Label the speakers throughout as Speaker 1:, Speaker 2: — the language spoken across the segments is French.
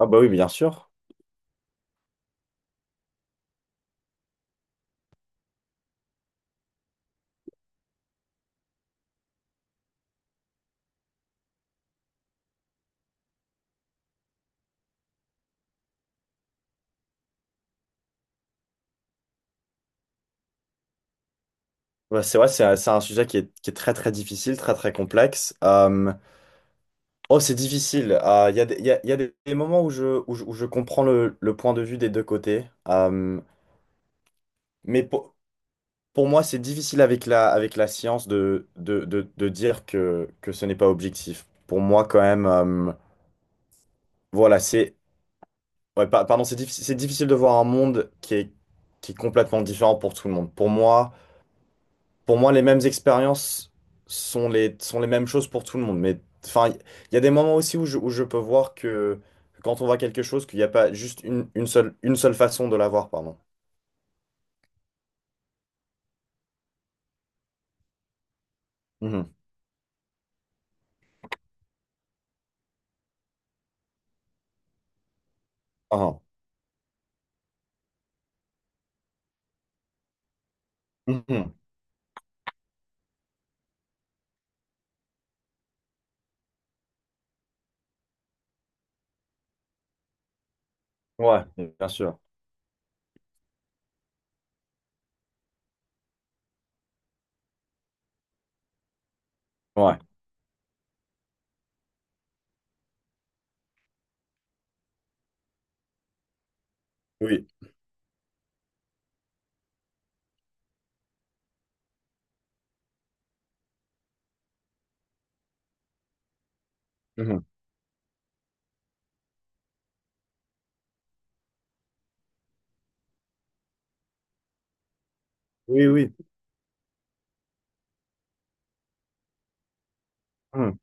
Speaker 1: Ah bah oui, bien sûr. Ouais, c'est vrai, c'est un sujet qui est très très difficile, très très complexe. Oh, c'est difficile. Il y a il y a des moments où où je comprends le point de vue des deux côtés. Mais pour moi, c'est difficile avec avec la science de dire que ce n'est pas objectif. Pour moi, quand même, voilà, c'est... ouais, pardon, c'est difficile de voir un monde qui est complètement différent pour tout le monde. Pour moi, les mêmes expériences sont sont les mêmes choses pour tout le monde. Mais enfin, il y a des moments aussi où où je peux voir que quand on voit quelque chose, qu'il n'y a pas juste une seule façon de la voir, pardon. Mhm. Ah, mhm. Ouais, bien sûr. Ouais. Oui. Mhm. Oui, oui. Mhm.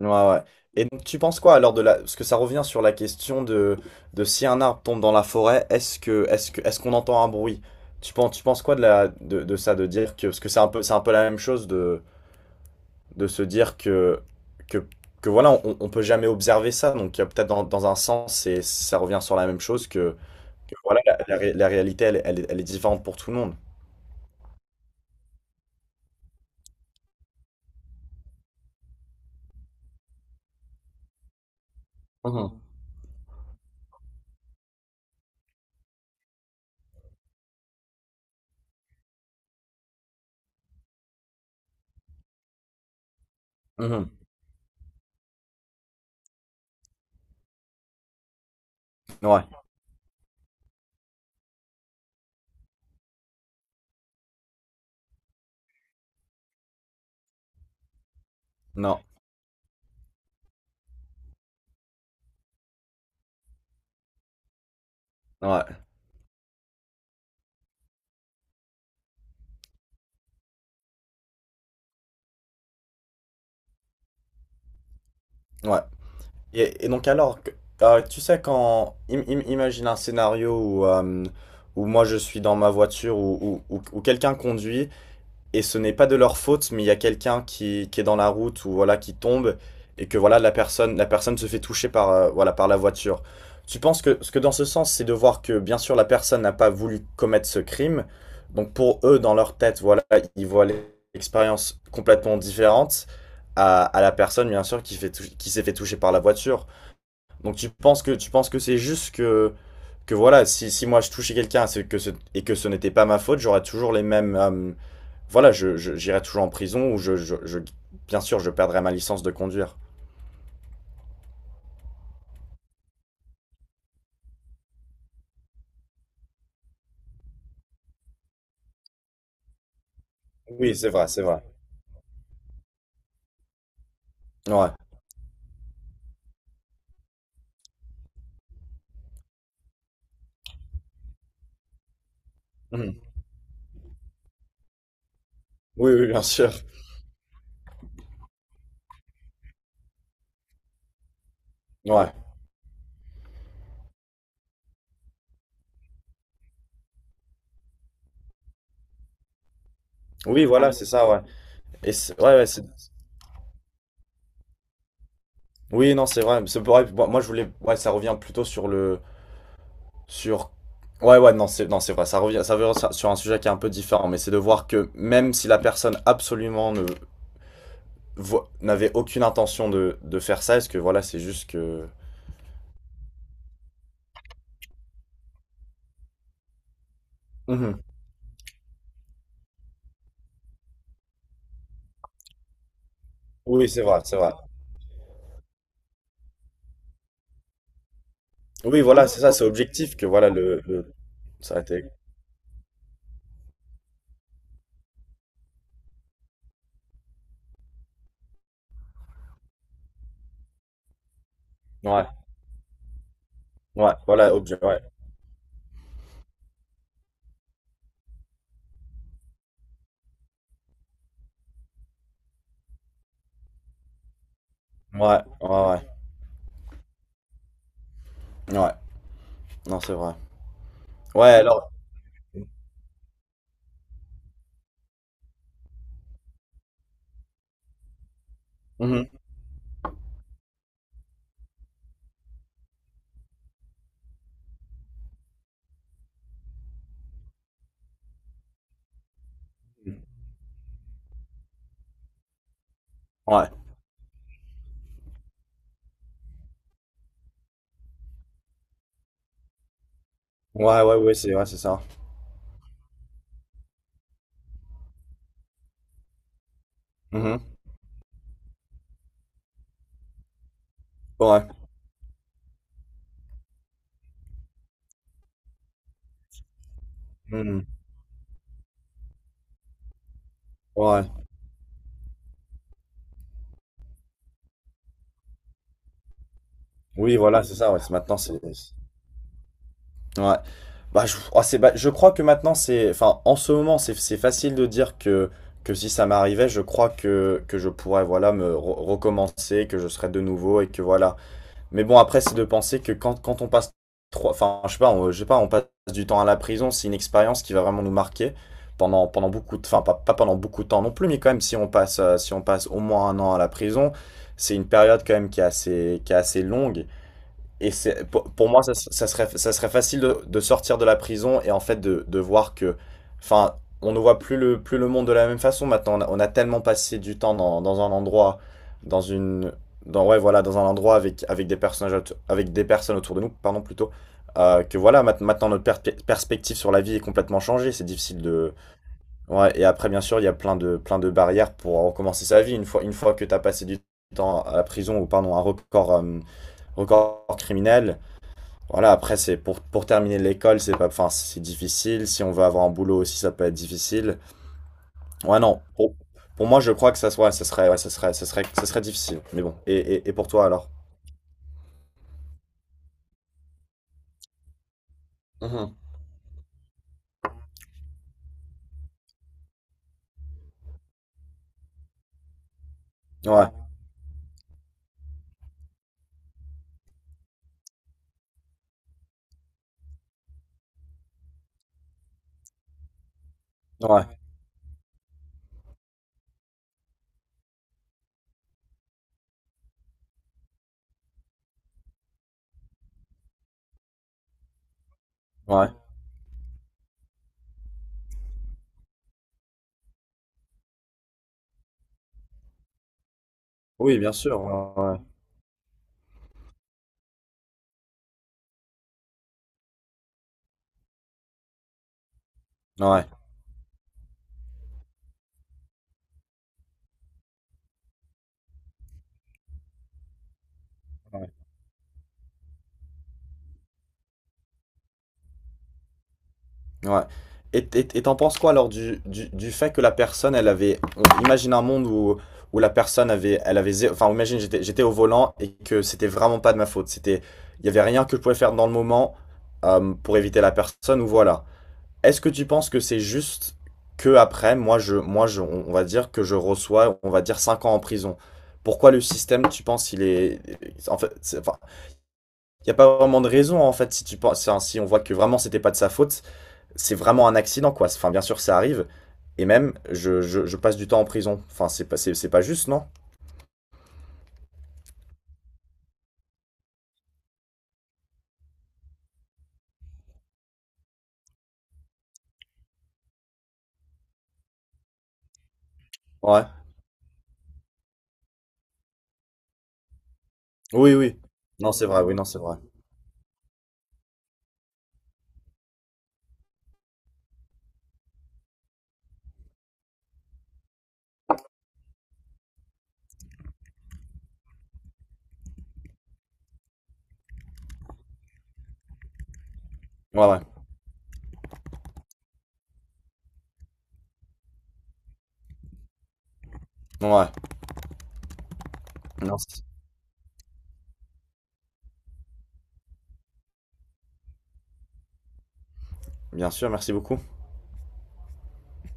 Speaker 1: Ouais, ouais. Et donc, tu penses quoi alors de la... Parce que ça revient sur la question de si un arbre tombe dans la forêt, est-ce qu'on entend un bruit? Tu penses quoi de de ça, de dire que... Parce que c'est un peu la même chose de se dire que, que voilà, on peut jamais observer ça. Donc, il y a peut-être dans un sens, c'est, ça revient sur la même chose que voilà, la réalité, elle est différente pour tout le monde. Mhm. Mhm. Ouais, non, ouais, ouais. Et donc, alors, que- tu sais, quand. Imagine un scénario où, où moi je suis dans ma voiture ou où, où quelqu'un conduit et ce n'est pas de leur faute, mais il y a quelqu'un qui est dans la route ou voilà qui tombe et que voilà la personne se fait toucher par voilà par la voiture. Tu penses que ce que dans ce sens, c'est de voir que bien sûr la personne n'a pas voulu commettre ce crime, donc pour eux dans leur tête voilà ils voient l'expérience complètement différente à la personne bien sûr qui fait qui s'est fait toucher par la voiture. Donc tu penses que c'est juste que voilà si, si moi je touchais quelqu'un c'est que ce, et que ce n'était pas ma faute, j'aurais toujours les mêmes voilà, je, j'irai toujours en prison ou je- bien sûr, je perdrai ma licence de conduire. Oui, c'est vrai, c'est vrai. Ouais. Mhm. Oui, oui, bien sûr. Ouais. Oui, voilà, c'est ça, ouais. Et c'est- ouais, ouais, c'est- Oui, non, c'est vrai. C'est vrai. Moi, moi, je voulais. Ouais, ça revient plutôt sur le. Sur. Ouais, ouais, non, c'est non, c'est vrai. Ça revient sur un sujet qui est un peu différent, mais c'est de voir que même si la personne absolument ne n'avait aucune intention de faire ça, est-ce que voilà, c'est juste que. Mhm. Oui, c'est vrai, c'est vrai. Oui, voilà, c'est ça, c'est objectif que voilà le- ça a été. Ouais, ouais, voilà, objet, ouais, ouais, ouais, ouais, ouais, Ouais, non, c'est vrai. Ouais, alors, mhm, ouais, ouais, ouais, ouais, c'est ça. Mhm, ouais, mhm, ouais, oui, voilà, c'est ça, ouais, c'est- maintenant, c'est. C'est- Ouais, bah, je, oh, c'est, bah, je crois que maintenant, c'est. Enfin, en ce moment, c'est facile de dire que si ça m'arrivait, je crois que je pourrais, voilà, me recommencer, que je serais de nouveau et que voilà. Mais bon, après, c'est de penser que quand, quand on passe trois, enfin, je sais pas, on, je sais pas, on passe du temps à la prison, c'est une expérience qui va vraiment nous marquer pendant, pendant beaucoup de, enfin, pas, pas pendant beaucoup de temps non plus, mais quand même, si on passe, si on passe au moins un an à la prison, c'est une période quand même qui est assez longue et c'est, pour moi, ça, ça serait facile de sortir de la prison et en fait de voir que, enfin, on ne voit plus plus le monde de la même façon maintenant. On a tellement passé du temps dans, dans un endroit, dans une, dans, ouais, voilà, dans un endroit avec, avec des personnages, avec des personnes autour de nous, pardon, plutôt, que voilà, maintenant notre perspective sur la vie est complètement changée. C'est difficile de, ouais, et après, bien sûr, il y a plein de barrières pour recommencer sa vie une fois que tu as passé du temps à la prison ou, pardon, un record, record criminel. Voilà, après, c'est pour terminer l'école, c'est pas, enfin, c'est difficile. Si on veut avoir un boulot aussi, ça peut être difficile. Ouais, non. Pour moi, je crois que ça soit, ça serait, ouais, ça serait, ça serait, ça serait difficile. Mais bon. Et pour toi alors? Mhm. Ouais, ouais, ouais. Oui, bien sûr. Ouais, ouais. Ouais. Ouais. Et t'en penses quoi alors du fait que la personne, elle avait... on- Imagine un monde où, où la personne avait... Elle avait Enfin, imagine, j'étais, j'étais au volant et que c'était vraiment pas de ma faute. C'était, il y avait rien que je pouvais faire dans le moment pour éviter la personne ou voilà. Est-ce que tu penses que c'est juste que après, moi je, on va dire que je reçois, on va dire 5 ans en prison. Pourquoi le système, tu penses, il est... En fait, c'est- enfin, il n'y a pas vraiment de raison, en fait, si tu penses, si on voit que vraiment c'était pas de sa faute c'est vraiment un accident, quoi. Enfin, bien sûr, ça arrive. Et même, je passe du temps en prison. Enfin, c'est pas juste, non? Ouais. Oui, oui. Non, c'est vrai, oui, non, c'est vrai. Ouais, ouais. Ouais. Non, c'est- bien sûr, merci beaucoup.